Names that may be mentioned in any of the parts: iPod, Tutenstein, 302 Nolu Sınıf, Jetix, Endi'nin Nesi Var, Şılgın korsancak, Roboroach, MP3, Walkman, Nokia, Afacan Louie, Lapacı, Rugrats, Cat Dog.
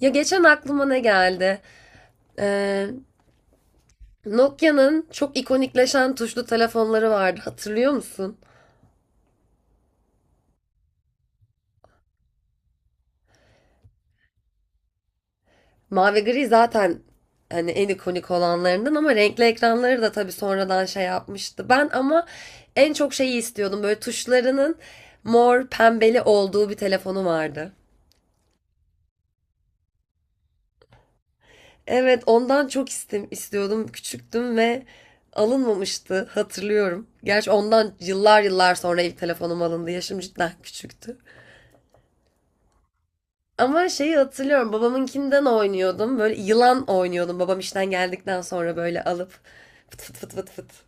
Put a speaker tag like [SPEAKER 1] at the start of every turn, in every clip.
[SPEAKER 1] Ya geçen aklıma ne geldi? Ee, Nokia'nın çok ikonikleşen tuşlu telefonları vardı. Hatırlıyor musun? Mavi gri zaten hani en ikonik olanlarından ama renkli ekranları da tabii sonradan şey yapmıştı. Ben ama en çok şeyi istiyordum. Böyle tuşlarının mor pembeli olduğu bir telefonu vardı. Evet, ondan çok istiyordum. Küçüktüm ve alınmamıştı hatırlıyorum. Gerçi ondan yıllar yıllar sonra ilk telefonum alındı. Yaşım cidden küçüktü. Ama şeyi hatırlıyorum babamınkinden oynuyordum. Böyle yılan oynuyordum babam işten geldikten sonra böyle alıp fıt fıt fıt fıt fıt.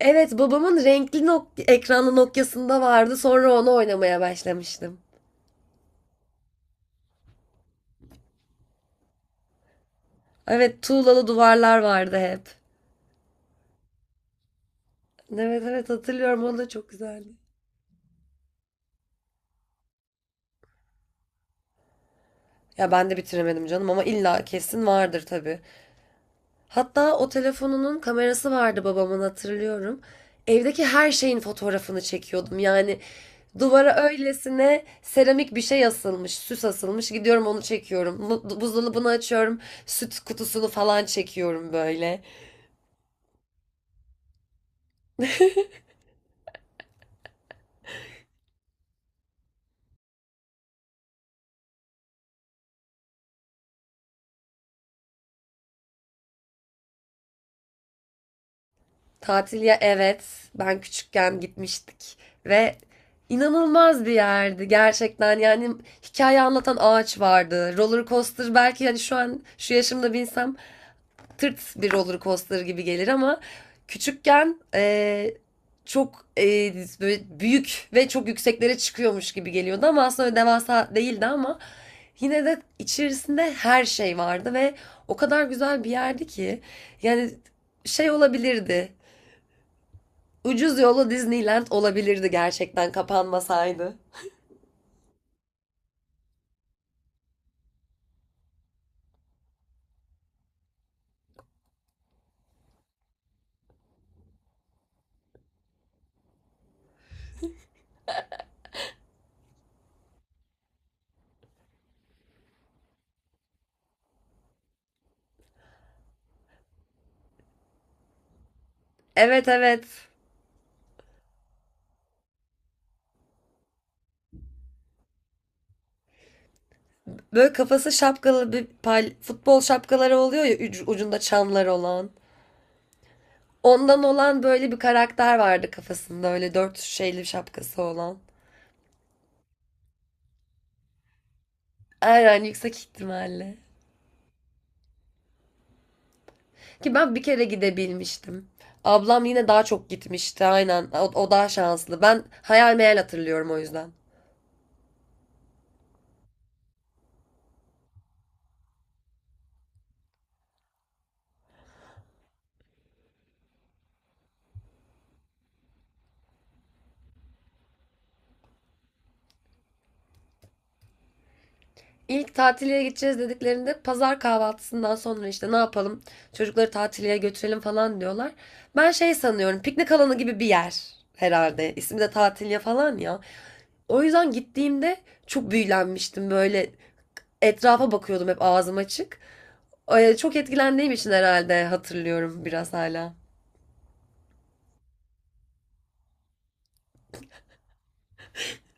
[SPEAKER 1] Evet babamın renkli ekranlı Nokia'sında vardı. Sonra onu oynamaya başlamıştım. Evet tuğlalı duvarlar vardı hep. Evet hatırlıyorum o da çok güzeldi. Ya ben de bitiremedim canım ama illa kesin vardır tabii. Hatta o telefonunun kamerası vardı babamın hatırlıyorum. Evdeki her şeyin fotoğrafını çekiyordum. Yani duvara öylesine seramik bir şey asılmış, süs asılmış. Gidiyorum onu çekiyorum. Buzdolabını açıyorum, süt kutusunu falan çekiyorum böyle. Tatil ya evet, ben küçükken gitmiştik ve inanılmaz bir yerdi gerçekten. Yani hikaye anlatan ağaç vardı. Roller coaster belki hani şu an şu yaşımda binsem tırt bir roller coaster gibi gelir ama küçükken çok böyle büyük ve çok yükseklere çıkıyormuş gibi geliyordu ama aslında devasa değildi ama yine de içerisinde her şey vardı ve o kadar güzel bir yerdi ki yani şey olabilirdi. Ucuz yolu Disneyland olabilirdi gerçekten kapanmasaydı. Evet evet. Böyle kafası şapkalı bir futbol şapkaları oluyor ya ucunda çanlar olan. Ondan olan böyle bir karakter vardı kafasında. Öyle dört şeyli şapkası olan. Aynen yüksek ihtimalle. Ki ben bir kere gidebilmiştim. Ablam yine daha çok gitmişti. Aynen. O daha şanslı. Ben hayal meyal hatırlıyorum o yüzden. İlk tatiliye gideceğiz dediklerinde pazar kahvaltısından sonra işte ne yapalım? Çocukları tatiliye götürelim falan diyorlar. Ben şey sanıyorum piknik alanı gibi bir yer herhalde. İsmi de tatiliye falan ya. O yüzden gittiğimde çok büyülenmiştim böyle etrafa bakıyordum hep ağzım açık. Çok etkilendiğim için herhalde hatırlıyorum biraz hala.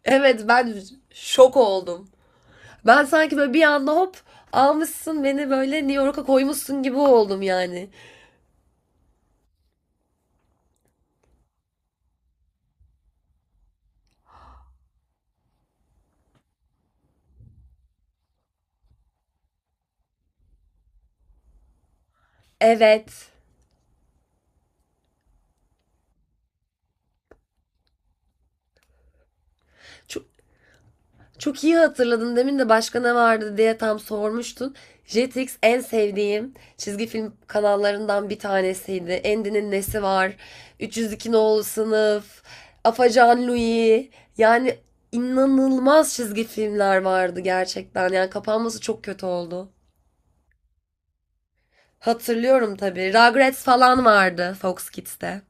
[SPEAKER 1] Evet ben şok oldum. Ben sanki böyle bir anda hop almışsın beni böyle New York'a koymuşsun gibi oldum yani. Evet. Çok, Çok iyi hatırladın. Demin de başka ne vardı diye tam sormuştun. Jetix en sevdiğim çizgi film kanallarından bir tanesiydi. Endi'nin Nesi Var, 302 Nolu Sınıf, Afacan Louie. Yani inanılmaz çizgi filmler vardı gerçekten. Yani kapanması çok kötü oldu. Hatırlıyorum tabii. Rugrats falan vardı Fox Kids'te.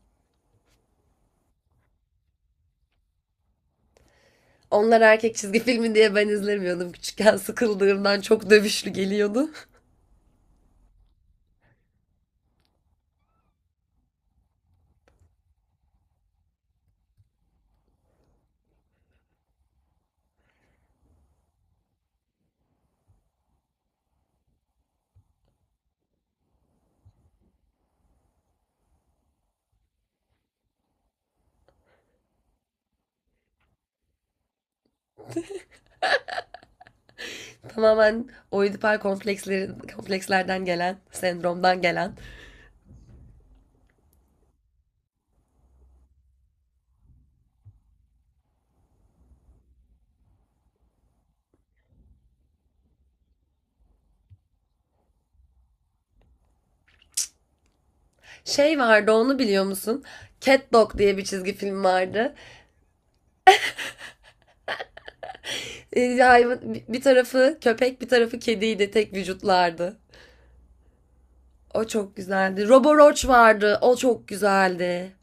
[SPEAKER 1] Onlar erkek çizgi filmi diye ben izlemiyordum küçükken. Sıkıldığımdan çok dövüşlü geliyordu. Tamamen oidipal komplekslerden gelen, sendromdan gelen. Şey vardı onu biliyor musun? Cat Dog diye bir çizgi film vardı. Hayvan, bir tarafı köpek bir tarafı kediydi. Tek vücutlardı. O çok güzeldi. Roboroach vardı. O çok güzeldi.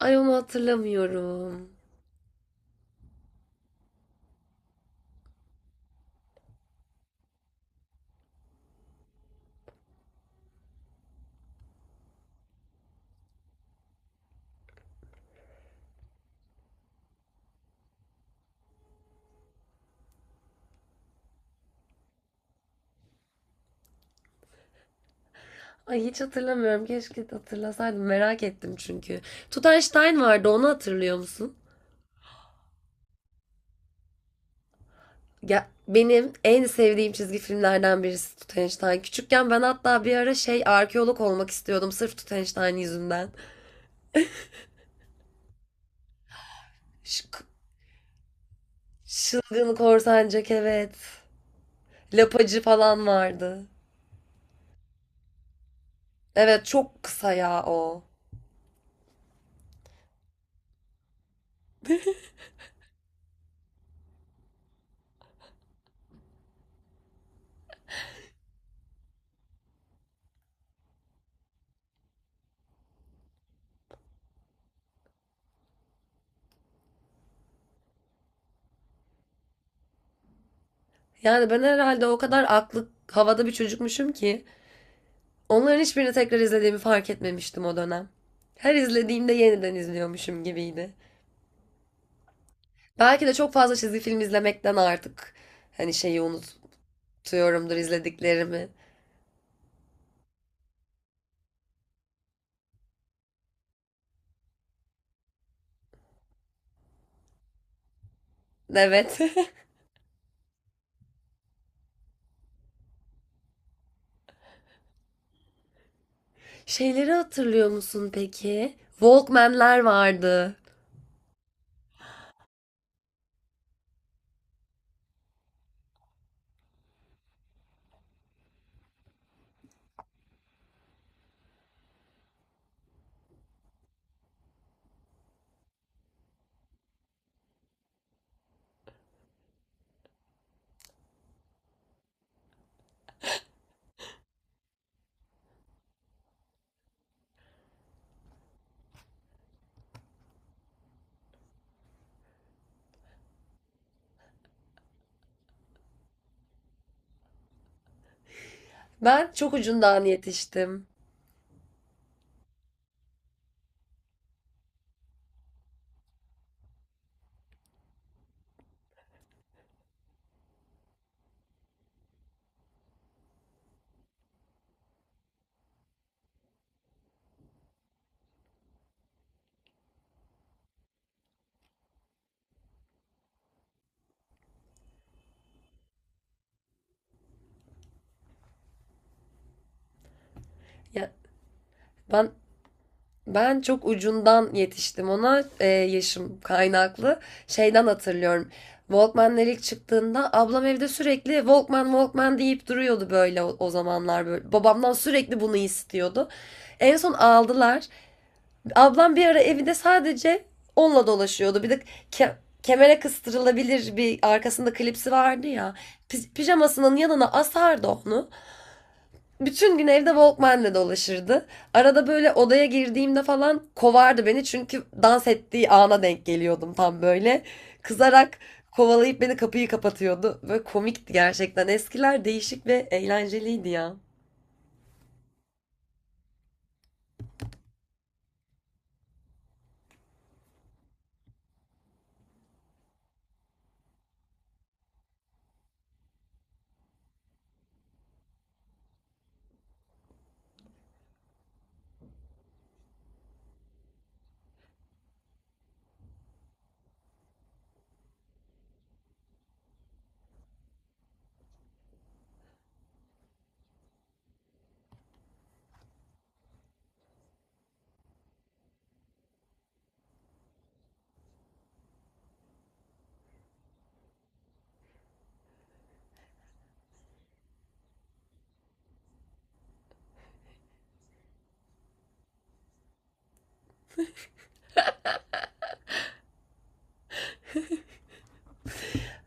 [SPEAKER 1] Ay onu hatırlamıyorum. Ay hiç hatırlamıyorum. Keşke hatırlasaydım. Merak ettim çünkü. Tutanstein vardı. Onu hatırlıyor musun? Ya benim en sevdiğim çizgi filmlerden birisi Tutenstein. Küçükken ben hatta bir ara şey arkeolog olmak istiyordum sırf Tutenstein yüzünden. Ş- Şılgın korsancak evet. Lapacı falan vardı. Evet çok kısa ya o. Yani ben herhalde o kadar aklı havada bir çocukmuşum ki onların hiçbirini tekrar izlediğimi fark etmemiştim o dönem. Her izlediğimde yeniden izliyormuşum gibiydi. Belki de çok fazla çizgi film izlemekten artık hani şeyi unutuyorumdur izlediklerimi. Evet. Şeyleri hatırlıyor musun peki? Walkman'ler vardı. Ben çok ucundan yetiştim. Ya ben ben çok ucundan yetiştim ona yaşım kaynaklı. Şeyden hatırlıyorum. Walkman'ler ilk çıktığında ablam evde sürekli Walkman Walkman deyip duruyordu böyle o zamanlar böyle. Babamdan sürekli bunu istiyordu. En son aldılar. Ablam bir ara evinde sadece onunla dolaşıyordu. Bir de ke- kemere kıstırılabilir bir arkasında klipsi vardı ya. Pijamasının yanına asardı onu. Bütün gün evde Walkman'le dolaşırdı. Arada böyle odaya girdiğimde falan kovardı beni çünkü dans ettiği ana denk geliyordum tam böyle. Kızarak kovalayıp beni kapıyı kapatıyordu. Böyle komikti gerçekten. Eskiler değişik ve eğlenceliydi ya.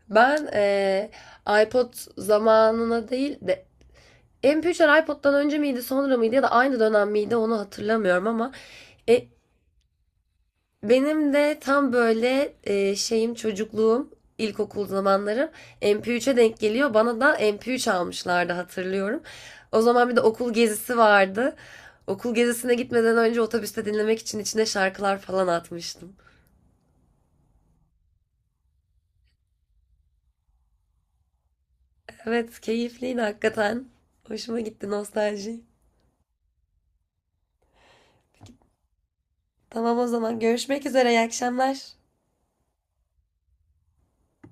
[SPEAKER 1] Ben iPod zamanına değil de MP3'ler iPod'dan önce miydi, sonra mıydı ya da aynı dönem miydi onu hatırlamıyorum ama e, benim de tam böyle şeyim çocukluğum, ilkokul zamanlarım MP3'e denk geliyor. Bana da MP3 almışlardı hatırlıyorum. O zaman bir de okul gezisi vardı. Okul gezisine gitmeden önce otobüste dinlemek için içine şarkılar falan atmıştım. Evet, keyifliydi hakikaten. Hoşuma gitti nostalji. Tamam o zaman görüşmek üzere, iyi akşamlar.